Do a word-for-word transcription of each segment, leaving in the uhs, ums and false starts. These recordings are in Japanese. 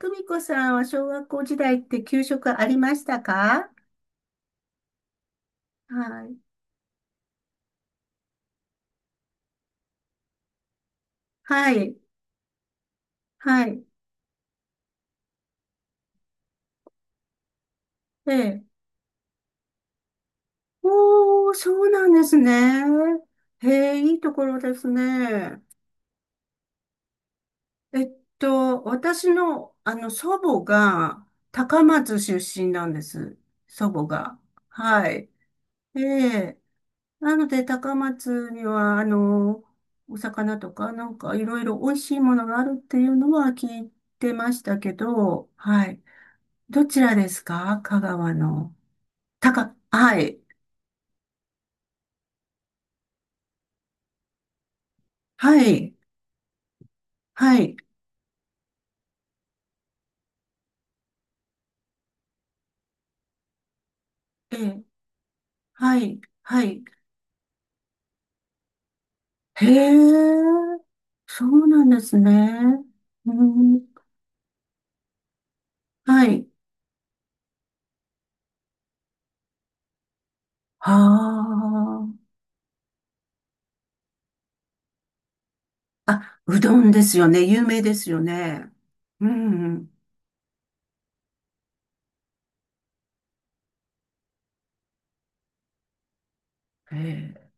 とみこさんは小学校時代って給食ありましたか？はい。はい。はい。ええ。おー、そうなんですね。へえ、いいところですね。えっと、私の、あの、祖母が高松出身なんです。祖母が。はい。ええ。なので、高松には、あの、お魚とか、なんかいろいろ美味しいものがあるっていうのは聞いてましたけど、はい。どちらですか香川の？たか、はい。はい。はい。ええ。はい。はい。へえ。そうなんですね。うん。はい。はあ。あ、うどんですよね。有名ですよね。うん。へえ。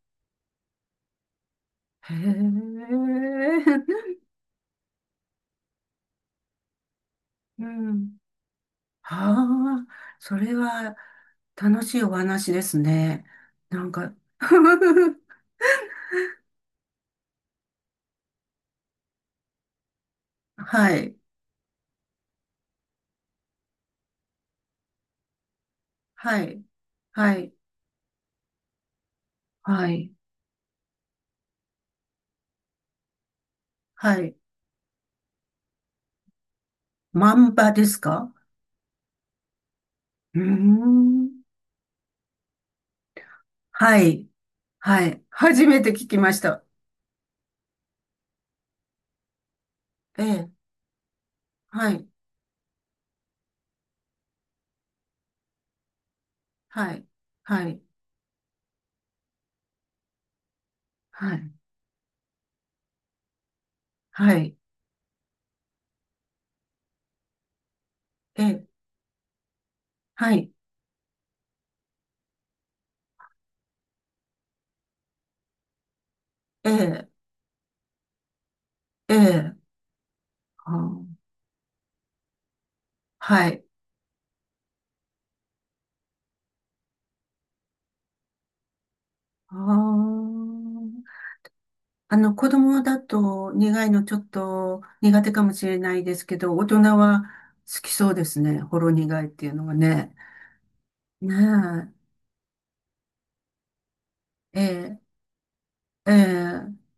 へえ。うん。はあ。それは楽しいお話ですね。なんか はい。はい。はい。はい。はい。万場ですか？うーん。はい。はい。初めて聞きました。ええ。はい。はい。はい。はい。はい。ええ。はい。ええ。ええ。あー、はい。あー。あの、子供だと苦いのちょっと苦手かもしれないですけど、大人は好きそうですね。ほろ苦いっていうのはね。ねえ。ええ。ええ。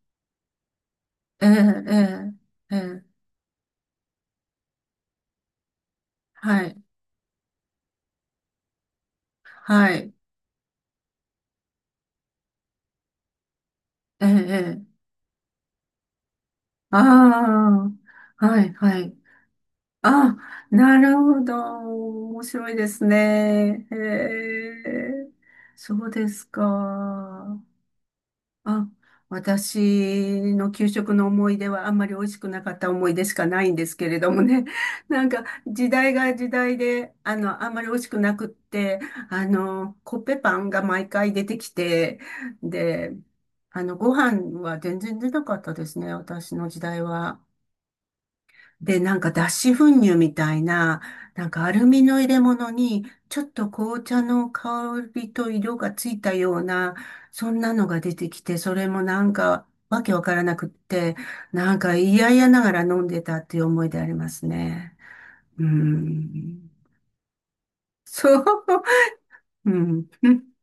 ええ、ええ、ええ、はい、はい、ええ、ええ、ああ、はい、はい。あ、なるほど。面白いですね。へえ、そうですか。あ、私の給食の思い出はあんまり美味しくなかった思い出しかないんですけれどもね。なんか時代が時代で、あの、あんまり美味しくなくって、あの、コッペパンが毎回出てきて、で、あの、ご飯は全然出なかったですね、私の時代は。で、なんか脱脂粉乳みたいな、なんかアルミの入れ物に、ちょっと紅茶の香りと色がついたような、そんなのが出てきて、それもなんかわけわからなくって、なんか嫌々ながら飲んでたっていう思いでありますね。うん。そう。うん。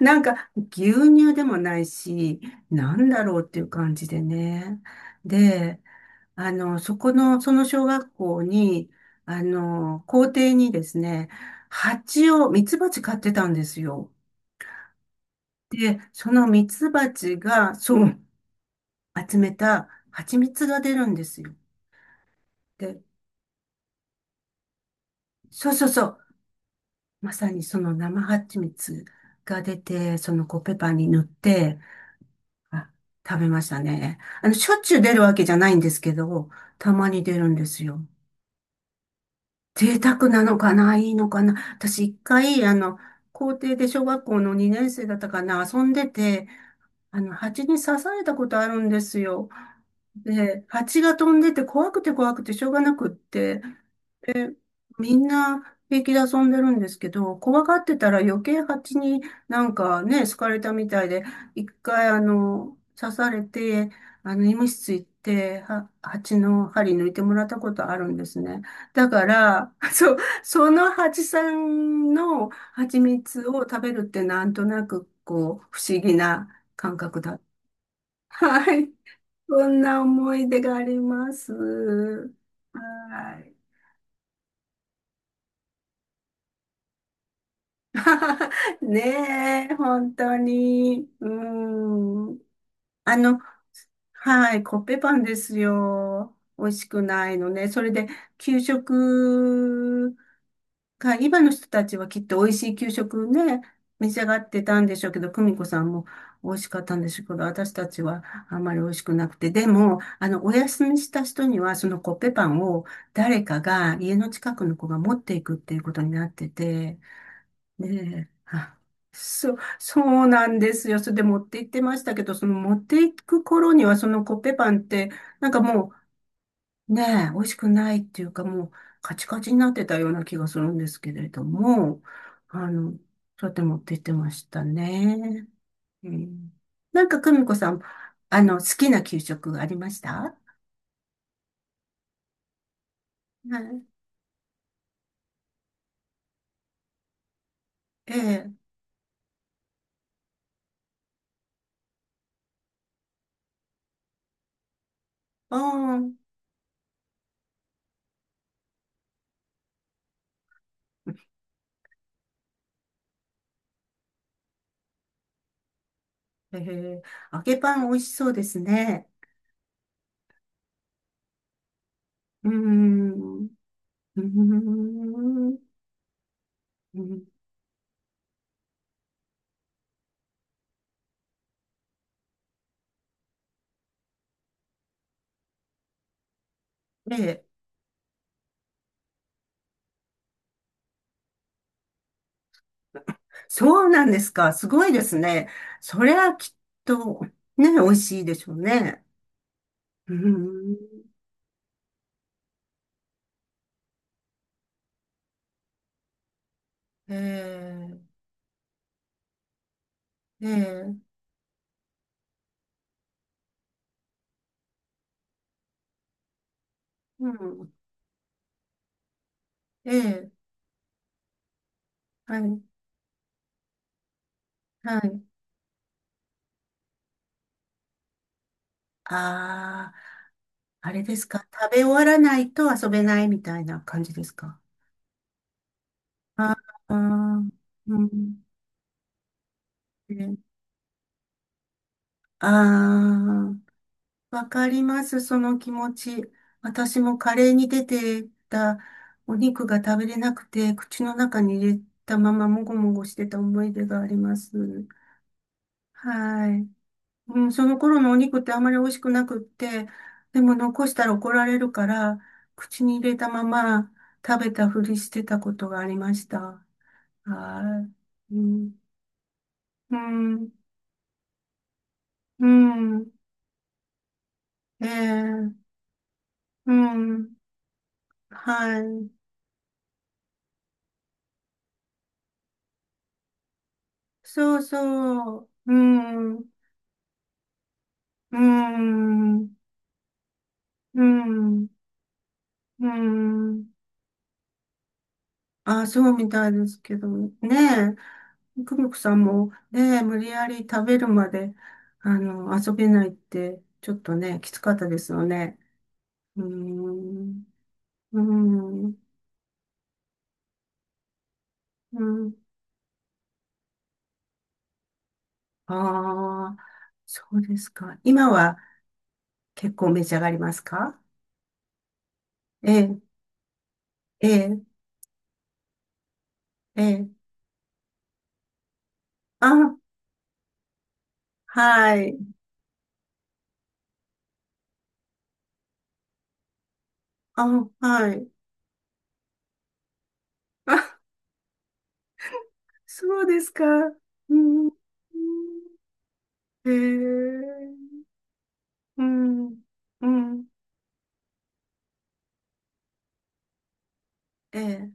なんか牛乳でもないし、なんだろうっていう感じでね。で、あの、そこの、その小学校に、あの、校庭にですね、蜂を、ミツバチ飼ってたんですよ。で、そのミツバチが、そう、集めた蜂蜜が出るんですよ。で、そうそうそう、まさにその生蜂蜜が出て、そのコッペパンに塗って、あ、食べましたね。あの、しょっちゅう出るわけじゃないんですけど、たまに出るんですよ。贅沢なのかないいのかな。私一回、あの、校庭で小学校のに生だったかな遊んでて、あの、蜂に刺されたことあるんですよ。で、蜂が飛んでて怖くて怖くてしょうがなくって、みんな平気で遊んでるんですけど、怖がってたら余計蜂になんかね、好かれたみたいで、一回あの、刺されて、あの、医務室行って、は、蜂の針抜いてもらったことあるんですね。だから、そう、その蜂さんの蜂蜜を食べるってなんとなくこう、不思議な感覚だ。はい。そんな思い出があります。はい。ねえ、本当に。うん。あの、はい、コッペパンですよ。美味しくないのね。それで、給食が、今の人たちはきっと美味しい給食ね、召し上がってたんでしょうけど、久美子さんも美味しかったんでしょうけど、私たちはあんまり美味しくなくて。でも、あの、お休みした人には、そのコッペパンを誰かが家の近くの子が持っていくっていうことになってて、ねえ。あ、そ、そうなんですよ。それで持って行ってましたけど、その持って行く頃にはそのコッペパンって、なんかもうねえ、美味しくないっていうかもうカチカチになってたような気がするんですけれども、あの、そうやって持って行ってましたね。うん、なんか久美子さん、あの、好きな給食ありました？はい。ええ。ああ、ええ。揚げパン美味しそうですね。うーん。うーん。うん。ええ、そうなんですか。すごいですね。それはきっと、ね、美味しいでしょうね。うん。ええ、ええ、うん。ええ、はい、はい。ああ、あれですか。食べ終わらないと遊べないみたいな感じですか？ああー、うん。ああー、わかります、その気持ち。私もカレーに出てたお肉が食べれなくて、口の中に入れたままもごもごしてた思い出があります。はい。うん、その頃のお肉ってあまり美味しくなくって、でも残したら怒られるから、口に入れたまま食べたふりしてたことがありました。はい。うん、うん、うん、ええ、うん、はい。そうそう。うん。うん。うん。うん。あ、そうみたいですけどね。え。久美子さんもね、無理やり食べるまで、あの、遊べないって、ちょっとね、きつかったですよね。うーん。うん。うん。ああ、そうですか。今は結構召し上がりますか？ええ、ええ、ええ。あ、はい。あ、はい。そうですか。うん。うん。へえ。うん。うん。ええ。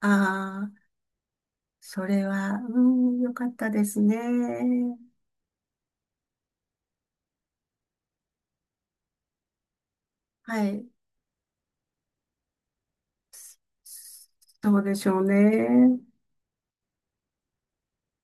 ああ、それは、うん、よかったですね。はい。そうでしょうね。